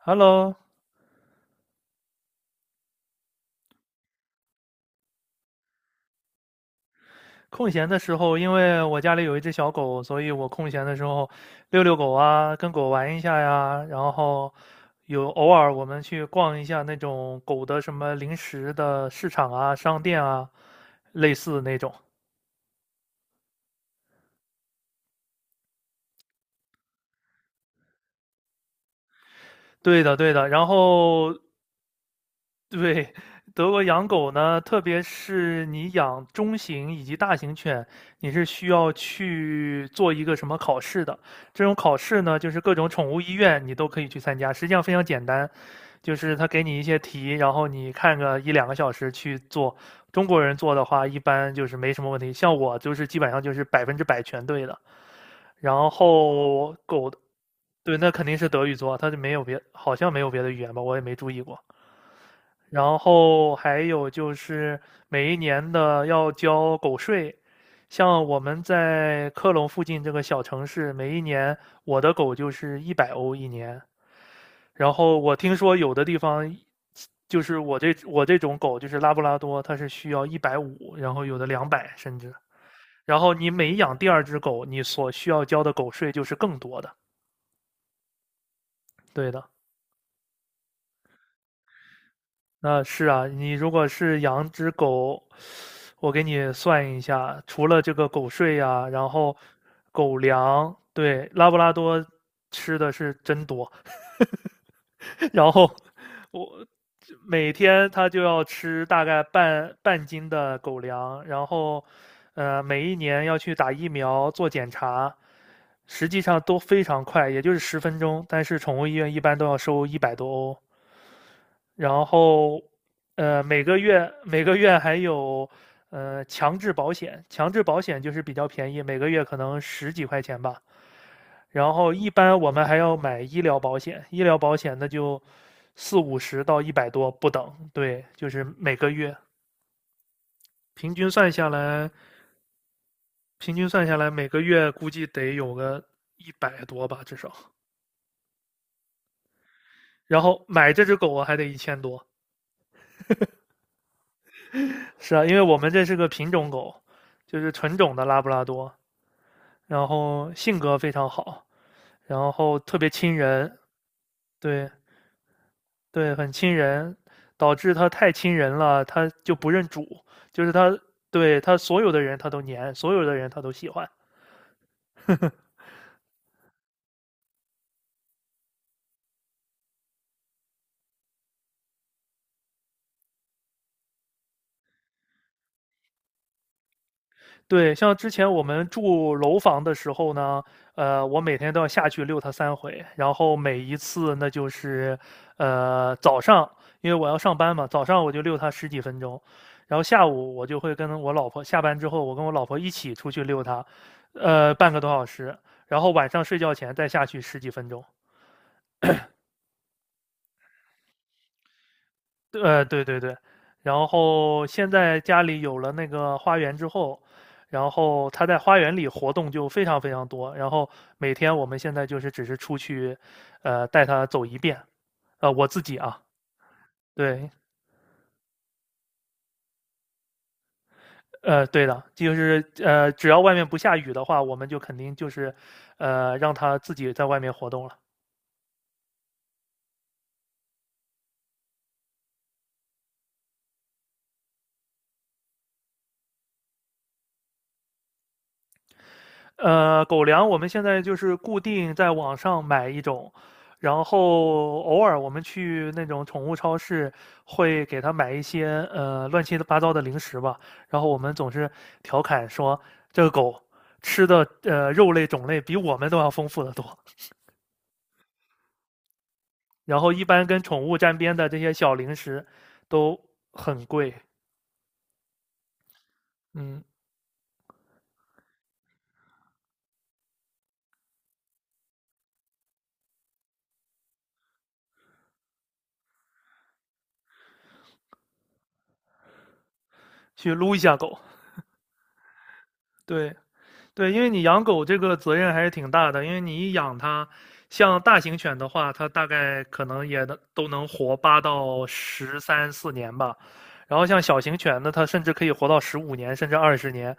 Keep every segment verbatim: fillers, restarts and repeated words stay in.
Hello，空闲的时候，因为我家里有一只小狗，所以我空闲的时候遛遛狗啊，跟狗玩一下呀，然后有偶尔我们去逛一下那种狗的什么零食的市场啊、商店啊，类似那种。对的，对的。然后，对，德国养狗呢，特别是你养中型以及大型犬，你是需要去做一个什么考试的。这种考试呢，就是各种宠物医院你都可以去参加，实际上非常简单，就是他给你一些题，然后你看个一两个小时去做。中国人做的话，一般就是没什么问题，像我就是基本上就是百分之百全对的。然后狗对，那肯定是德语做，他就没有别，好像没有别的语言吧，我也没注意过。然后还有就是每一年的要交狗税，像我们在科隆附近这个小城市，每一年我的狗就是一百欧一年。然后我听说有的地方，就是我这我这种狗就是拉布拉多，它是需要一百五，然后有的两百甚至。然后你每养第二只狗，你所需要交的狗税就是更多的。对的，那是啊，你如果是养只狗，我给你算一下，除了这个狗税呀、然后狗粮，对，拉布拉多吃的是真多，然后我每天它就要吃大概半半斤的狗粮，然后呃，每一年要去打疫苗做检查，实际上都非常快，也就是十分钟，但是宠物医院一般都要收一百多欧。然后呃每个月每个月还有呃强制保险，强制保险就是比较便宜，每个月可能十几块钱吧。然后一般我们还要买医疗保险，医疗保险那就四五十到一百多不等，对，就是每个月平均算下来，平均算下来每个月估计得有个一百多吧，至少。然后买这只狗啊还得一千多，是啊，因为我们这是个品种狗，就是纯种的拉布拉多，然后性格非常好，然后特别亲人，对对，很亲人，导致他太亲人了，他就不认主，就是他对他所有的人他都黏，所有的人他都喜欢，对，像之前我们住楼房的时候呢，呃，我每天都要下去遛它三回，然后每一次那就是，呃，早上因为我要上班嘛，早上我就遛它十几分钟，然后下午我就会跟我老婆下班之后，我跟我老婆一起出去遛它，呃，半个多小时，然后晚上睡觉前再下去十几分钟。对，呃对对对，然后现在家里有了那个花园之后，然后他在花园里活动就非常非常多，然后每天我们现在就是只是出去，呃，带他走一遍，呃，我自己啊，对，呃，对的，就是呃，只要外面不下雨的话，我们就肯定就是，呃，让他自己在外面活动了。呃，狗粮我们现在就是固定在网上买一种，然后偶尔我们去那种宠物超市会给它买一些呃乱七八糟的零食吧。然后我们总是调侃说，这个狗吃的呃肉类种类比我们都要丰富的多。然后一般跟宠物沾边的这些小零食都很贵，嗯，去撸一下狗，对。对，因为你养狗这个责任还是挺大的，因为你一养它，像大型犬的话，它大概可能也能都能活八到十三四年吧，然后像小型犬呢，它甚至可以活到十五年，甚至二十年。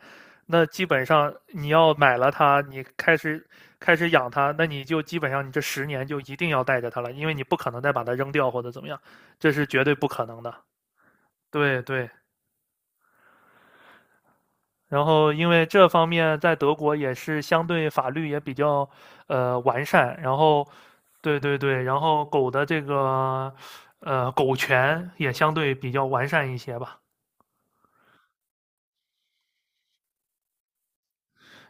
那基本上你要买了它，你开始开始养它，那你就基本上你这十年就一定要带着它了，因为你不可能再把它扔掉或者怎么样，这是绝对不可能的。对对。然后，因为这方面在德国也是相对法律也比较呃完善，然后，对对对，然后狗的这个呃狗权也相对比较完善一些吧。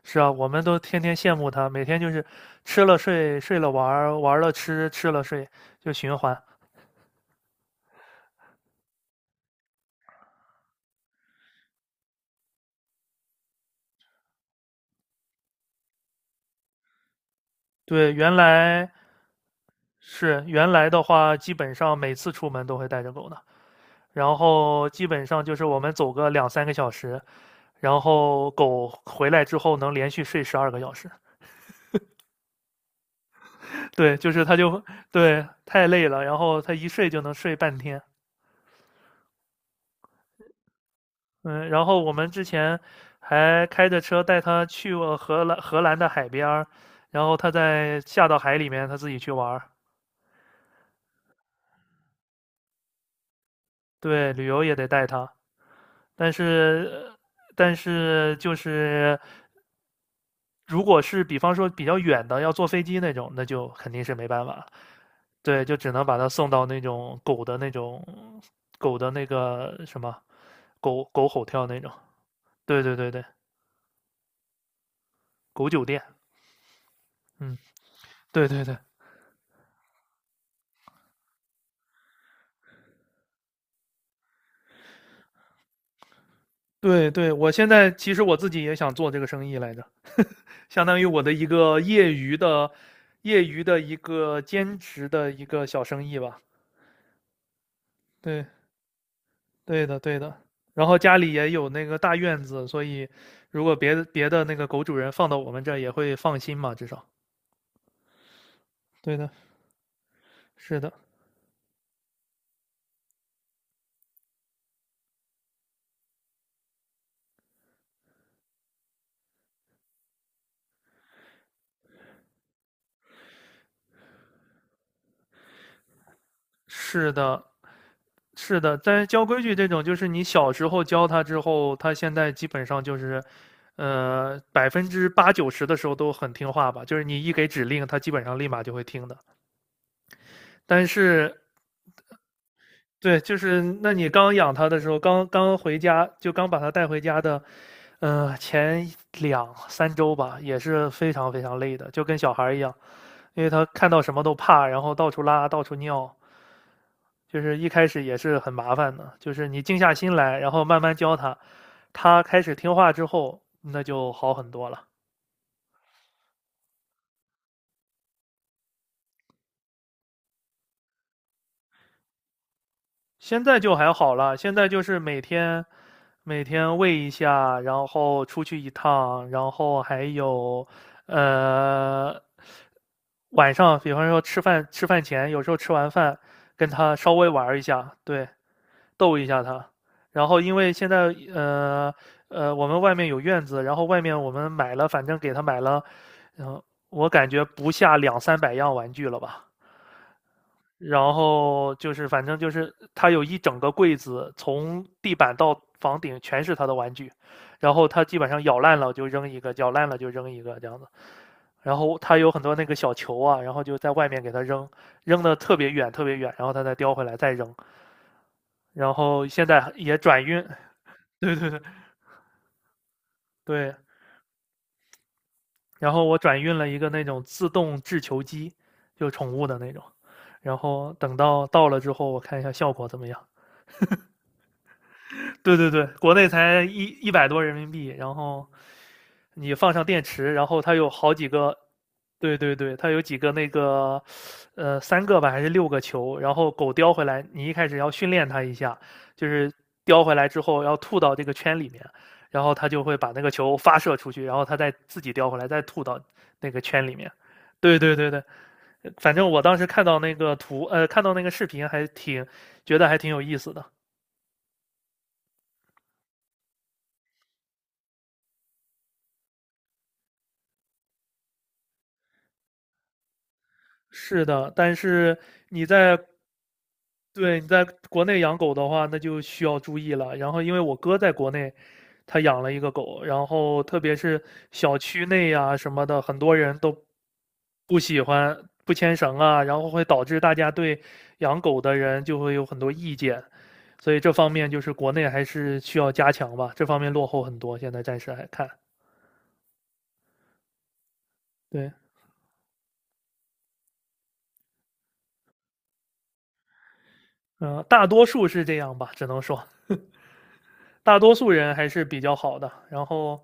是啊，我们都天天羡慕它，每天就是吃了睡，睡了玩儿，玩儿了吃，吃了睡，就循环。对，原来是原来的话，基本上每次出门都会带着狗的。然后基本上就是我们走个两三个小时，然后狗回来之后能连续睡十二个小时。对，就是它就，对，太累了，然后它一睡就能睡半天。嗯，然后我们之前还开着车带它去过荷兰荷兰的海边儿，然后它再下到海里面，它自己去玩儿。对，旅游也得带它。但是呃但是就是，如果是比方说比较远的，要坐飞机那种，那就肯定是没办法，对，就只能把它送到那种狗的那种狗的那个什么狗狗吼跳那种。对对对对，狗酒店。嗯，对对对对对，我现在其实我自己也想做这个生意来着，相当于我的一个业余的业余的一个兼职的一个小生意吧。对。对的，对的。然后家里也有那个大院子，所以如果别的别的那个狗主人放到我们这儿也会放心嘛，至少。对的，是的，是的，是的。但是教规矩这种，就是你小时候教它之后，它现在基本上就是，呃，百分之八九十的时候都很听话吧。就是你一给指令，它基本上立马就会听的。但是对，就是那你刚养它的时候，刚刚回家，就刚把它带回家的，嗯、前两三周吧，也是非常非常累的，就跟小孩儿一样，因为他看到什么都怕，然后到处拉，到处尿，就是一开始也是很麻烦的，就是你静下心来，然后慢慢教它，它开始听话之后，那就好很多了。现在就还好了，现在就是每天每天喂一下，然后出去一趟，然后还有呃晚上，比方说吃饭吃饭前，有时候吃完饭跟他稍微玩一下，对，逗一下他。然后因为现在呃呃我们外面有院子，然后外面我们买了，反正给他买了，嗯、我感觉不下两三百样玩具了吧。然后就是反正就是他有一整个柜子，从地板到房顶全是他的玩具，然后他基本上咬烂了就扔一个，咬烂了就扔一个这样子。然后他有很多那个小球啊，然后就在外面给他扔，扔的特别远特别远，然后他再叼回来再扔。然后现在也转运，对，然后我转运了一个那种自动制球机，就宠物的那种。然后等到到了之后，我看一下效果怎么样。对对对，国内才一一百多人民币，然后你放上电池，然后它有好几个，对对对，它有几个那个，呃，三个吧还是六个球，然后狗叼回来，你一开始要训练它一下，就是叼回来之后要吐到这个圈里面，然后它就会把那个球发射出去，然后它再自己叼回来，再吐到那个圈里面。对对对对，反正我当时看到那个图，呃，看到那个视频还挺觉得还挺有意思的。是的，但是你在对，你在国内养狗的话，那就需要注意了。然后，因为我哥在国内，他养了一个狗，然后特别是小区内呀、什么的，很多人都不喜欢不牵绳啊，然后会导致大家对养狗的人就会有很多意见。所以这方面就是国内还是需要加强吧，这方面落后很多，现在暂时还看。对，嗯、大多数是这样吧，只能说。大多数人还是比较好的，然后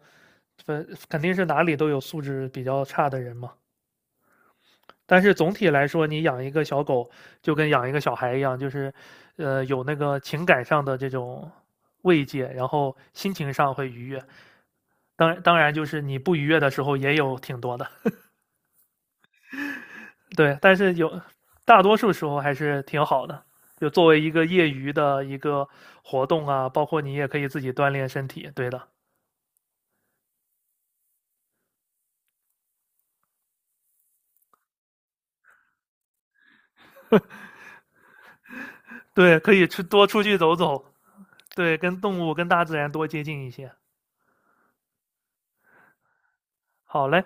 分肯定是哪里都有素质比较差的人嘛。但是总体来说，你养一个小狗就跟养一个小孩一样，就是呃有那个情感上的这种慰藉，然后心情上会愉悦。当然，当然就是你不愉悦的时候也有挺多的，对。但是有大多数时候还是挺好的。就作为一个业余的一个活动啊，包括你也可以自己锻炼身体，对的，对，可以出多出去走走，对，跟动物、跟大自然多接近一些。好嘞，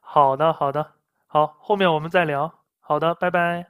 好的，好的，好，后面我们再聊。好的，拜拜。